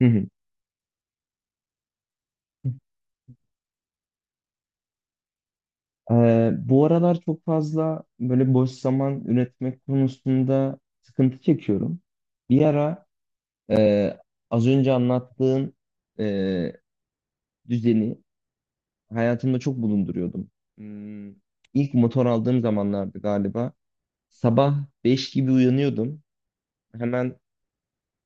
Hı hı. Bu aralar çok fazla böyle boş zaman üretmek konusunda sıkıntı çekiyorum. Bir ara e, az önce anlattığın e, düzeni hayatımda çok bulunduruyordum. Hmm, ilk motor aldığım zamanlardı galiba. Sabah 5 gibi uyanıyordum. Hemen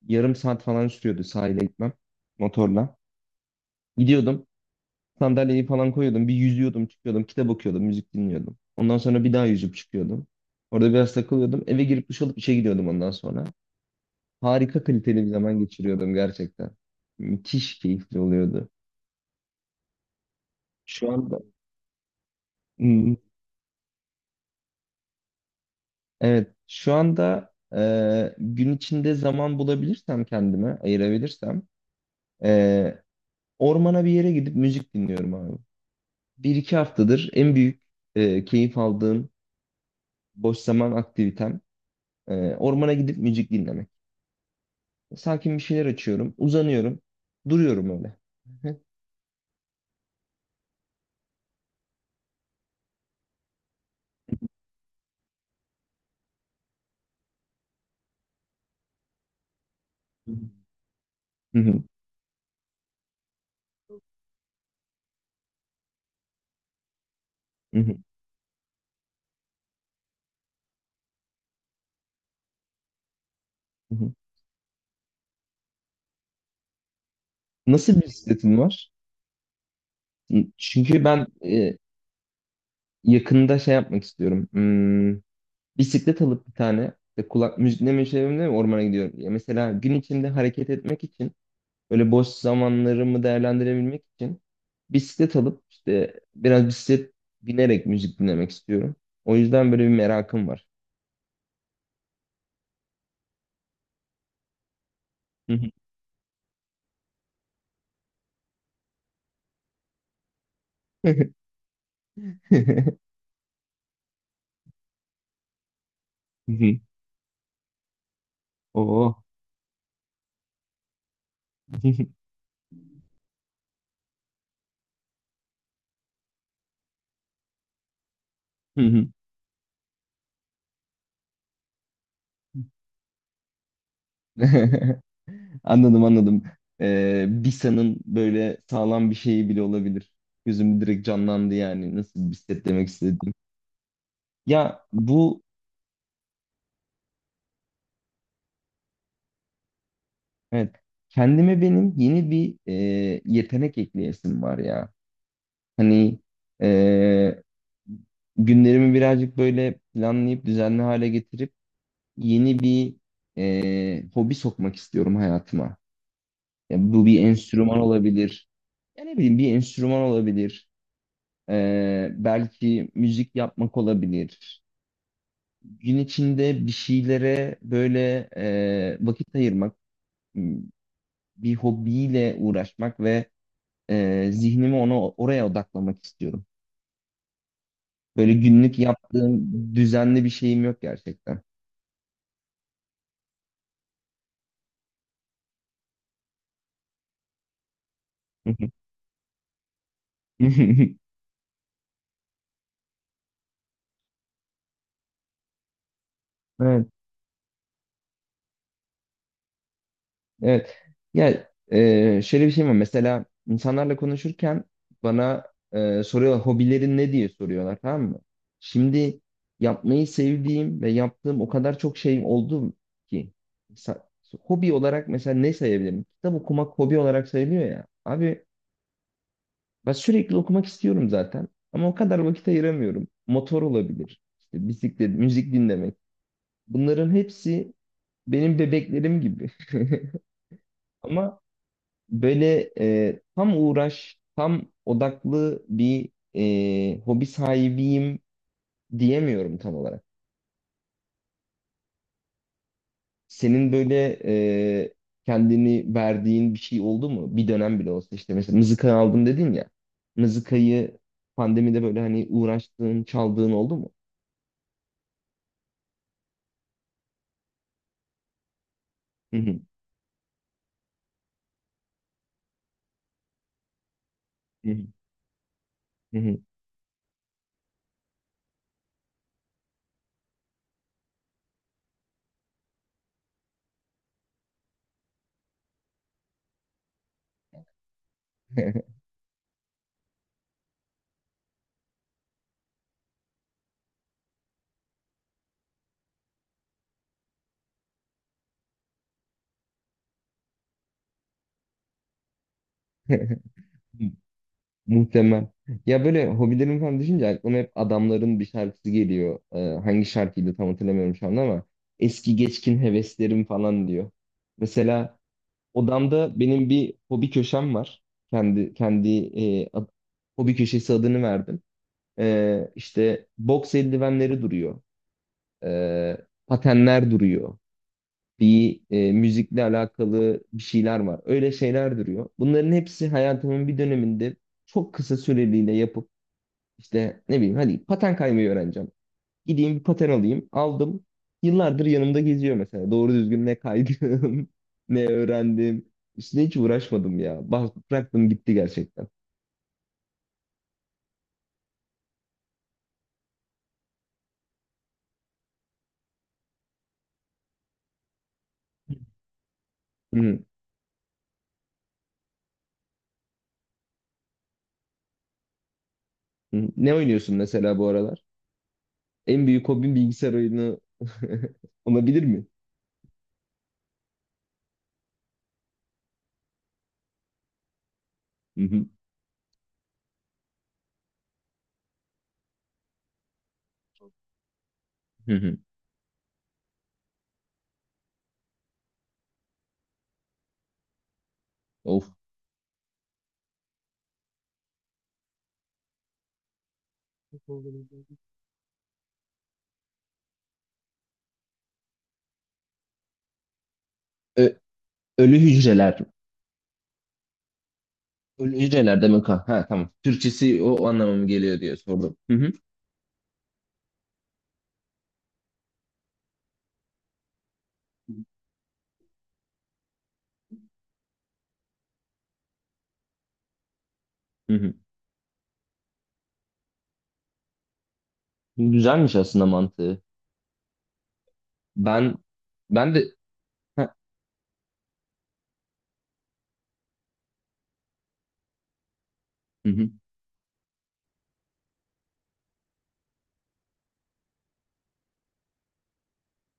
yarım saat falan sürüyordu sahile gitmem motorla. Gidiyordum. Sandalyeyi falan koyuyordum. Bir yüzüyordum, çıkıyordum. Kitap okuyordum, müzik dinliyordum. Ondan sonra bir daha yüzüp çıkıyordum. Orada biraz takılıyordum. Eve girip duş alıp işe gidiyordum ondan sonra. Harika kaliteli bir zaman geçiriyordum gerçekten. Müthiş keyifli oluyordu. Şu anda Hmm, evet, şu anda gün içinde zaman bulabilirsem kendime ayırabilirsem e, ormana bir yere gidip müzik dinliyorum abi. Bir iki haftadır en büyük keyif aldığım boş zaman aktivitem ormana gidip müzik dinlemek. Sakin bir şeyler açıyorum. Uzanıyorum. Duruyorum öyle. Hı hı. Hı hı, hı hı, nasıl bir bisikletin var? Çünkü ben yakında şey yapmak istiyorum. Bisiklet alıp bir tane işte kulak müzikle çevremde ormana gidiyorum. Ya mesela gün içinde hareket etmek için böyle boş zamanlarımı değerlendirebilmek için bisiklet alıp işte biraz bisiklet binerek müzik dinlemek istiyorum. O yüzden böyle bir merakım var. Hı hı. Hı hı. Oo. Anladım, anladım. Bisa'nın böyle sağlam bir şeyi bile olabilir. Gözüm direkt canlandı yani nasıl bir set demek istediğim. Ya bu, evet, kendime benim yeni bir yetenek ekleyesim var ya. Hani e, günlerimi birazcık böyle planlayıp düzenli hale getirip yeni bir hobi sokmak istiyorum hayatıma. Ya bu bir enstrüman olabilir. Ya ne bileyim bir enstrüman olabilir. Belki müzik yapmak olabilir. Gün içinde bir şeylere böyle vakit ayırmak, m, bir hobiyle uğraşmak ve zihnimi ona oraya odaklamak istiyorum. Böyle günlük yaptığım düzenli bir şeyim yok gerçekten. Evet. Evet. Ya şöyle bir şey var. Mesela insanlarla konuşurken bana soruyorlar, hobilerin ne diye soruyorlar, tamam mı? Şimdi yapmayı sevdiğim ve yaptığım o kadar çok şey oldu ki. Sa- hobi olarak mesela ne sayabilirim? Kitap okumak hobi olarak sayılıyor ya. Abi, ben sürekli okumak istiyorum zaten. Ama o kadar vakit ayıramıyorum. Motor olabilir. İşte bisiklet, müzik dinlemek. Bunların hepsi benim bebeklerim gibi. Ama böyle tam uğraş, tam odaklı bir hobi sahibiyim diyemiyorum tam olarak. Senin böyle e, kendini verdiğin bir şey oldu mu? Bir dönem bile olsa, işte mesela mızıka aldım dedin ya. Mızıkayı pandemide böyle hani uğraştığın, çaldığın oldu mu? Hı hı, hı hı, hı hı. Muhtemel. Ya böyle hobilerim falan düşünce aklıma hep adamların bir şarkısı geliyor. Hangi şarkıydı tam hatırlamıyorum şu anda ama eski geçkin heveslerim falan diyor. Mesela odamda benim bir hobi köşem var. Kendi kendi e, ad- hobi köşesi adını verdim. İşte boks eldivenleri duruyor. Ee, Patenler duruyor. Bir müzikle alakalı bir şeyler var. Öyle şeyler duruyor. Bunların hepsi hayatımın bir döneminde çok kısa süreliğine yapıp işte ne bileyim, hadi paten kaymayı öğreneceğim. Gideyim bir paten alayım. Aldım. Yıllardır yanımda geziyor mesela. Doğru düzgün ne kaydım, ne öğrendim. Üstüne hiç uğraşmadım ya. Bıraktım gitti gerçekten. Hı hı. Hı. Ne oynuyorsun mesela bu aralar? En büyük hobin bilgisayar oyunu olabilir mi? Hı hı. Hı hı. Of. Ö- Ölü hücreler. Ölü hücreler demek, ha. Ha, tamam. Türkçesi o anlamamı geliyor diye sordum. Hı hı. Hı hı. Güzelmiş aslında mantığı. Ben ben de heh, hı hı.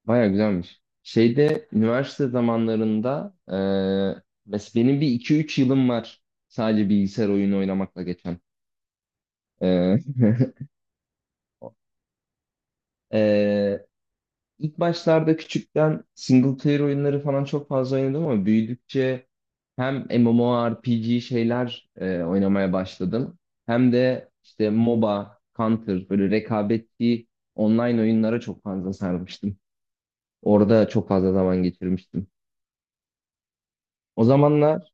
Bayağı güzelmiş. Şeyde üniversite zamanlarında mes benim bir iki üç yılım var sadece bilgisayar oyunu oynamakla geçen. Eee eee, ilk başlarda küçükten single player oyunları falan çok fazla oynadım ama büyüdükçe hem MMORPG şeyler oynamaya başladım. Hem de işte MOBA, Counter böyle rekabetli online oyunlara çok fazla sarmıştım. Orada çok fazla zaman geçirmiştim. O zamanlar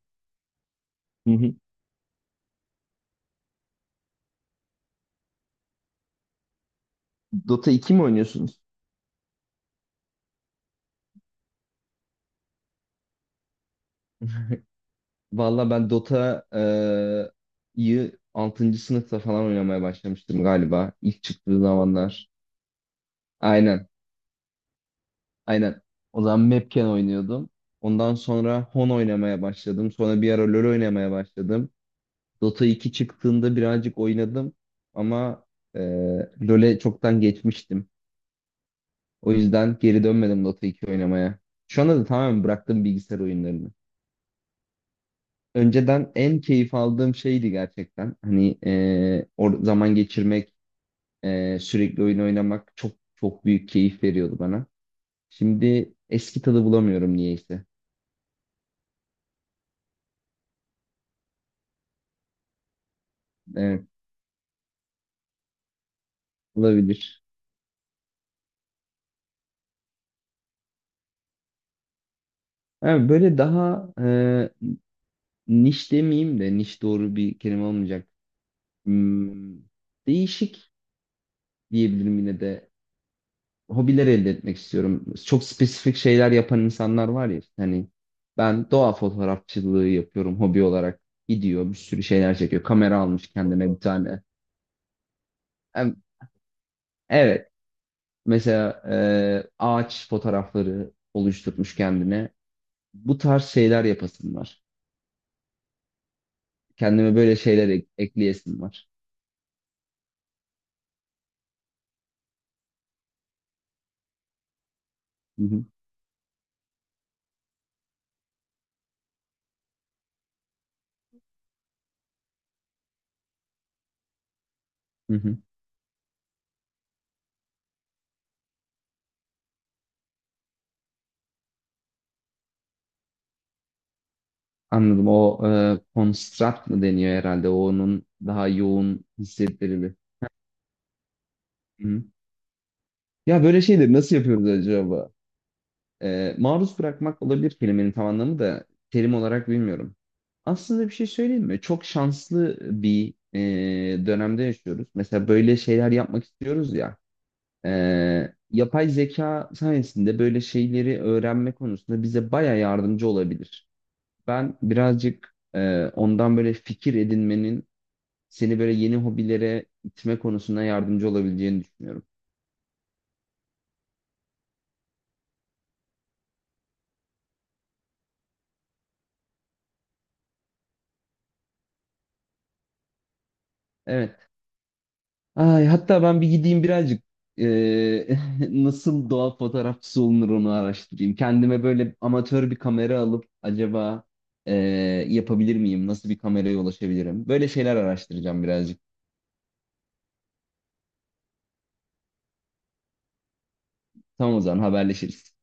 hı hı. Dota 2 mi oynuyorsunuz? Valla ben Dota'yı altıncı sınıfta falan oynamaya başlamıştım galiba. İlk çıktığı zamanlar. Aynen, aynen. O zaman Mapken oynuyordum. Ondan sonra Hon oynamaya başladım. Sonra bir ara LoL oynamaya başladım. Dota 2 çıktığında birazcık oynadım. Ama e, LoL'e çoktan geçmiştim. O yüzden geri dönmedim Dota 2 oynamaya. Şu anda da tamamen bıraktım bilgisayar oyunlarını. Önceden en keyif aldığım şeydi gerçekten. Hani e, or zaman geçirmek, sürekli oyun oynamak çok çok büyük keyif veriyordu bana. Şimdi eski tadı bulamıyorum niyeyse. Evet, olabilir. Ha, böyle daha niş demeyeyim de, niş doğru bir kelime olmayacak. Hmm, Değişik diyebilirim yine de, hobiler elde etmek istiyorum. Çok spesifik şeyler yapan insanlar var ya. Hani ben doğa fotoğrafçılığı yapıyorum hobi olarak. Gidiyor bir sürü şeyler çekiyor. Kamera almış kendine bir tane. Hem- Evet. Mesela ağaç fotoğrafları oluşturmuş kendine. Bu tarz şeyler yapasım var. Kendime böyle şeyler ekleyesim var. Hı hı, hı hı. Anladım. O construct mı deniyor herhalde? O onun daha yoğun hissettirili. Hı hı. Ya böyle şeyleri nasıl yapıyoruz acaba? Maruz bırakmak olabilir kelimenin tam anlamı, da terim olarak bilmiyorum. Aslında bir şey söyleyeyim mi? Çok şanslı bir dönemde yaşıyoruz. Mesela böyle şeyler yapmak istiyoruz ya. e, Yapay zeka sayesinde böyle şeyleri öğrenme konusunda bize baya yardımcı olabilir. Ben birazcık ondan böyle fikir edinmenin seni böyle yeni hobilere itme konusunda yardımcı olabileceğini düşünüyorum. Evet. Ay, hatta ben bir gideyim birazcık eee, nasıl doğa fotoğrafçısı olunur onu araştırayım. Kendime böyle amatör bir kamera alıp acaba eee, yapabilir miyim? Nasıl bir kameraya ulaşabilirim? Böyle şeyler araştıracağım birazcık. Tamam, o zaman haberleşiriz.